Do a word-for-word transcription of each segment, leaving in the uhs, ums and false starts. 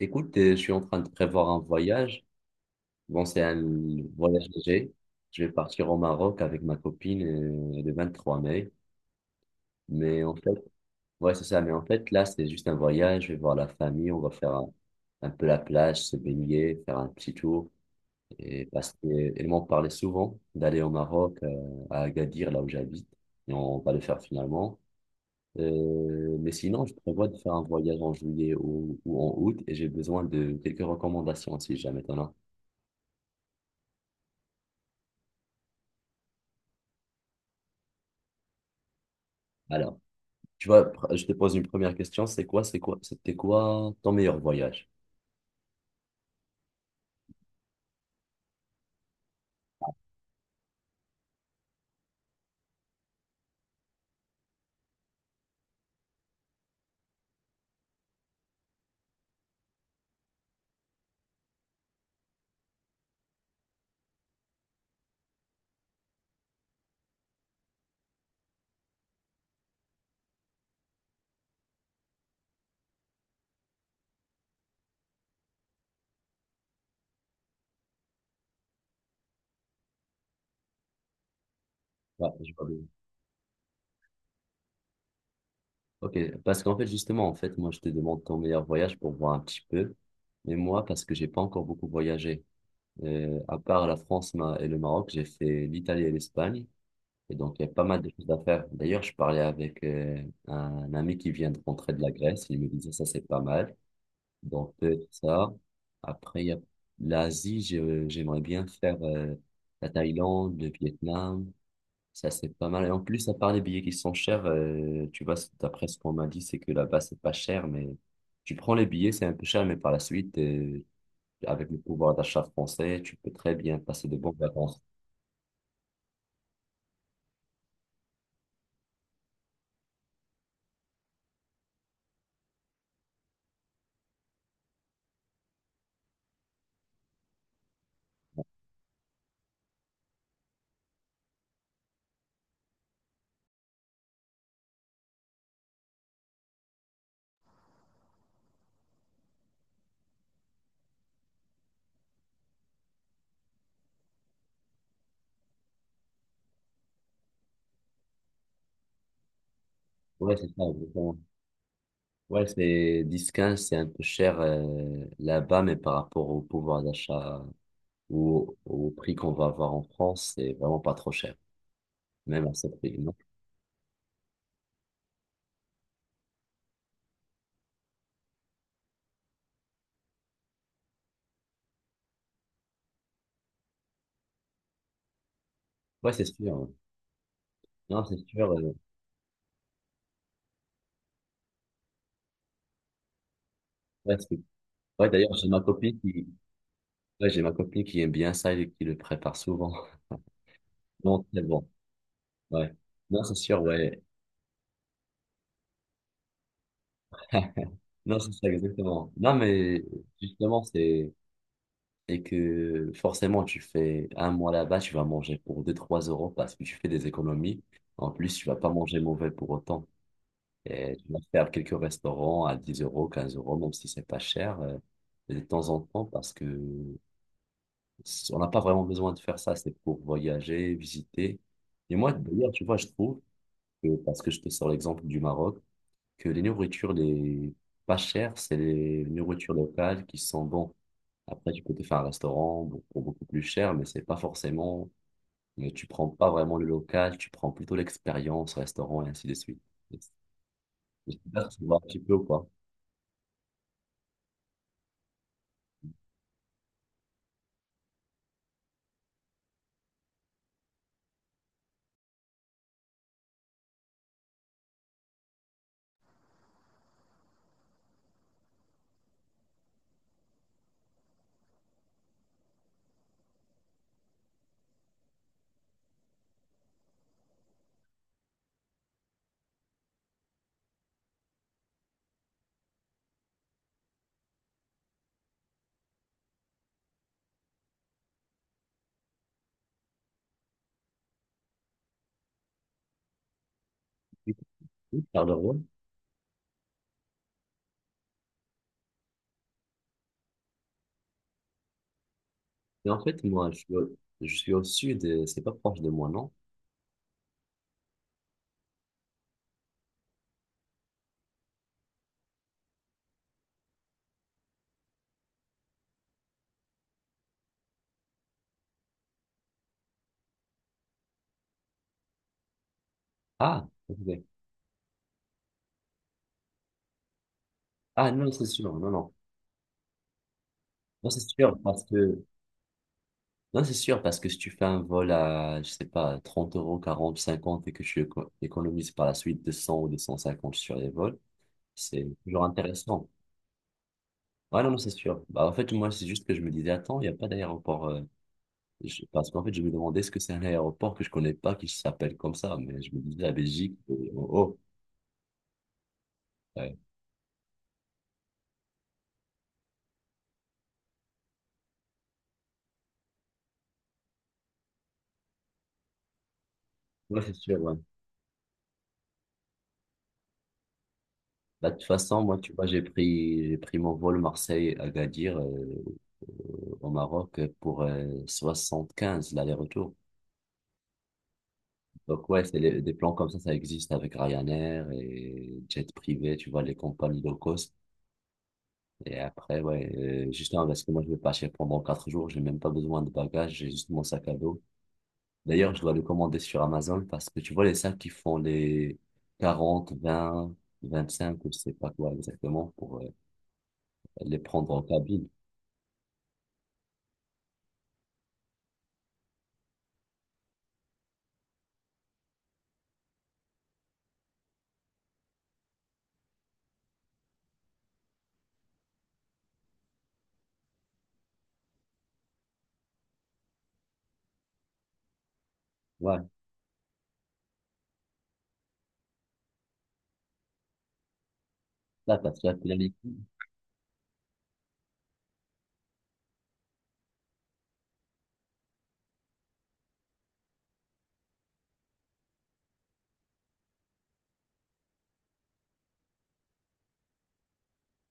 Écoute, euh, je suis en train de prévoir un voyage. Bon, c'est un voyage léger. Je vais partir au Maroc avec ma copine euh, le vingt-trois mai. Mais en fait, ouais, c'est ça. Mais en fait, là, c'est juste un voyage. Je vais voir la famille. On va faire un, un peu la plage, se baigner, faire un petit tour. Et parce qu'elle m'en parlait souvent d'aller au Maroc, euh, à Agadir, là où j'habite. Et on va le faire finalement. Euh, mais sinon, je prévois de faire un voyage en juillet ou, ou en août. Et j'ai besoin de quelques recommandations si jamais t'en as. Alors, tu vois, pr- je te pose une première question. C'est quoi, c'est quoi, c'était quoi ton meilleur voyage? Ouais, je vois bien. Ok, parce qu'en fait, justement, en fait, moi, je te demande ton meilleur voyage pour voir un petit peu. Mais moi, parce que j'ai pas encore beaucoup voyagé. Euh, à part la France ma- et le Maroc, j'ai fait l'Italie et l'Espagne. Et donc, il y a pas mal de choses à faire. D'ailleurs, je parlais avec euh, un ami qui vient de rentrer de la Grèce. Il me disait, ça, c'est pas mal. Donc, peut-être ça. Après, il y a l'Asie, je- j'aimerais bien faire euh, la Thaïlande, le Vietnam. Ça, c'est pas mal. Et en plus, à part les billets qui sont chers, euh, tu vois, c'est- d'après ce qu'on m'a dit, c'est que là-bas, c'est pas cher, mais tu prends les billets, c'est un peu cher, mais par la suite, euh, avec le pouvoir d'achat français, tu peux très bien passer de bonnes vacances. Ouais, c'est ça, exactement. Ouais, c'est dix quinze, c'est un peu cher euh, là-bas, mais par rapport au pouvoir d'achat ou au prix qu'on va avoir en France, c'est vraiment pas trop cher, même à ce prix, non? Ouais, c'est sûr, ouais. Non, c'est sûr. euh, Ouais, c'est- ouais, d'ailleurs, j'ai ma copine qui, ouais, j'ai ma copine qui aime bien ça et qui le prépare souvent. Non, c'est bon. Ouais. Non, c'est sûr, ouais. Non, c'est ça, exactement. Non, mais justement, c'est et que forcément, tu fais un mois là-bas, tu vas manger pour deux trois euros parce que tu fais des économies. En plus, tu vas pas manger mauvais pour autant. Et je vais faire quelques restaurants à dix euros, quinze euros, même si c'est pas cher, euh, de temps en temps, parce que on n'a pas vraiment besoin de faire ça. C'est pour voyager, visiter. Et moi, d'ailleurs, tu vois, je trouve que, parce que je te sors l'exemple du Maroc, que les nourritures les pas chères, c'est les nourritures locales qui sont bonnes. Après, tu peux te faire un restaurant pour pour beaucoup plus cher, mais c'est pas forcément, mais tu prends pas vraiment le local, tu prends plutôt l'expérience, restaurant et ainsi de suite. Je sais pas si tu vois un petit peu ou pas. Oui, Charleroi. Mais en fait, moi, je suis au, je suis au sud, et c'est pas proche de moi, non? Ah, ok. Ah, non, c'est sûr, non, non. Non, c'est sûr, parce que, non, c'est sûr, parce que si tu fais un vol à, je sais pas, trente euros, quarante cinquante et que tu éco- économises par la suite deux cents ou deux cent cinquante sur les vols, c'est toujours intéressant. Ouais, non, non, c'est sûr. Bah, en fait, moi, c'est juste que je me disais, attends, il n'y a pas d'aéroport, euh, je- parce qu'en fait, je me demandais, est-ce que c'est un aéroport que je connais pas, qui s'appelle comme ça, mais je me disais, la Belgique, euh, oh, oh. Ouais. Ouais, c'est sûr, ouais. Bah, de toute façon, moi, tu vois, j'ai pris, j'ai pris mon vol Marseille-Agadir euh, au Maroc pour euh, quinze l'aller-retour. Donc, ouais, c'est les- des plans comme ça, ça existe avec Ryanair et jet privé, tu vois, les compagnies low cost. Et après, ouais, euh, justement, parce que moi, je vais partir pendant quatre jours, j'ai même pas besoin de bagages, j'ai juste mon sac à dos. D'ailleurs, je dois le commander sur Amazon parce que tu vois, les sacs qui font les quarante vingt 20, vingt-cinq, je sais pas quoi exactement, pour euh, les prendre en cabine. Ouais, là, parce que là, tu l'as dit.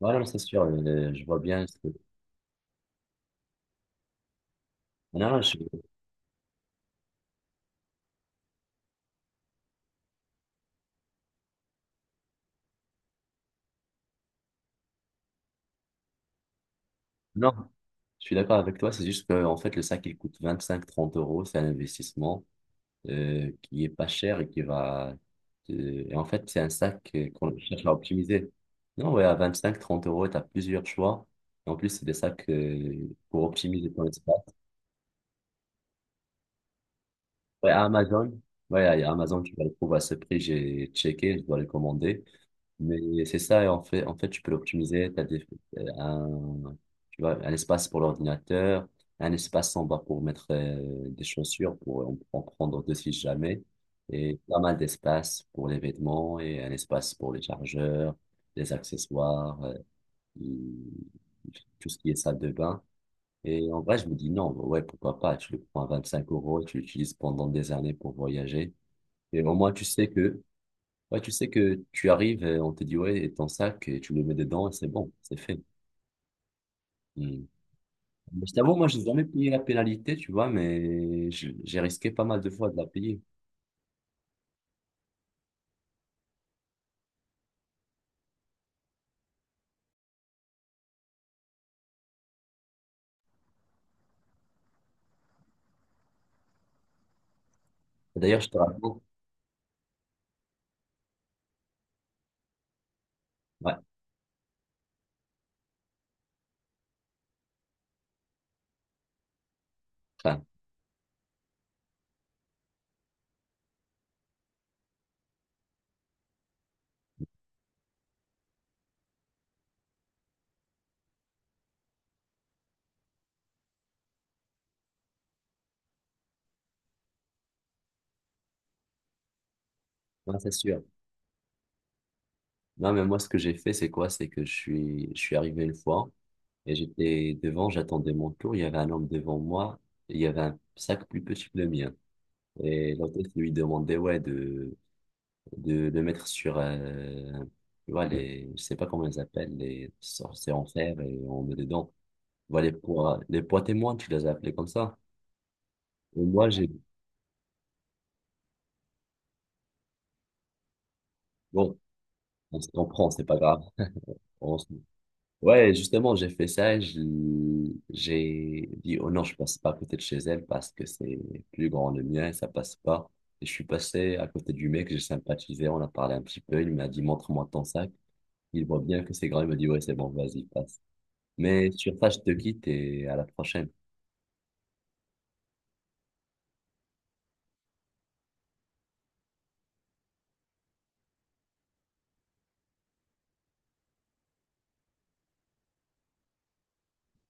Voilà, mais c'est sûr, euh, je vois bien. ce que- Non, non, je... non, je suis d'accord avec toi. C'est juste que, en fait, le sac, il coûte vingt-cinq-trente euros. C'est un investissement euh, qui est pas cher et qui va. euh, Et en fait, c'est un sac euh, qu'on cherche à optimiser. Non, ouais, à vingt-cinq-trente euros, tu as plusieurs choix. En plus, c'est des sacs euh, pour optimiser ton espace. Ouais, à Amazon, ouais, à Amazon, tu vas le trouver à ce prix. J'ai checké, je dois le commander. Mais c'est ça, et en fait, en fait, tu peux l'optimiser. T'as des, euh, un, tu vois, un espace pour l'ordinateur, un espace en bas pour mettre euh, des chaussures, pour en, en prendre deux si jamais, et pas mal d'espace pour les vêtements, et un espace pour les chargeurs, les accessoires, euh, et tout ce qui est salle de bain. Et en vrai, je me dis non, ouais, pourquoi pas, tu le prends à vingt-cinq euros, tu l'utilises pendant des années pour voyager. Et au moins, tu sais que ouais, tu sais que tu arrives, et on te dit, ouais, et ton sac, et tu le mets dedans, et c'est bon, c'est fait. Hmm. Mais je t'avoue, moi, j'ai jamais payé la pénalité, tu vois, mais je- j'ai risqué pas mal de fois de la payer. D'ailleurs, je te raconte. Ouais, enfin, ouais, c'est sûr. Non, mais moi, ce que j'ai fait, c'est quoi? C'est que je suis, je suis arrivé une fois, et j'étais devant, j'attendais mon tour, il y avait un homme devant moi, et il y avait un sac plus petit que le mien. Et l'hôtesse lui demandait, ouais, de, de le mettre sur, euh, tu vois, les, je sais pas comment ils appellent, les sorts, c'est en fer et on met dedans. Voilà, les poids, les poids témoins, tu les as appelés comme ça. Et moi, j'ai, bon, on se comprend, c'est pas grave. On se- Ouais, justement, j'ai fait ça, et je- j'ai dit, oh non, je passe pas à côté de chez elle parce que c'est plus grand le mien, ça passe pas. Et je suis passé à côté du mec, j'ai sympathisé, on a parlé un petit peu, il m'a dit, montre-moi ton sac. Il voit bien que c'est grand, il me dit, ouais, c'est bon, vas-y, passe. Mais sur ça, je te quitte et à la prochaine.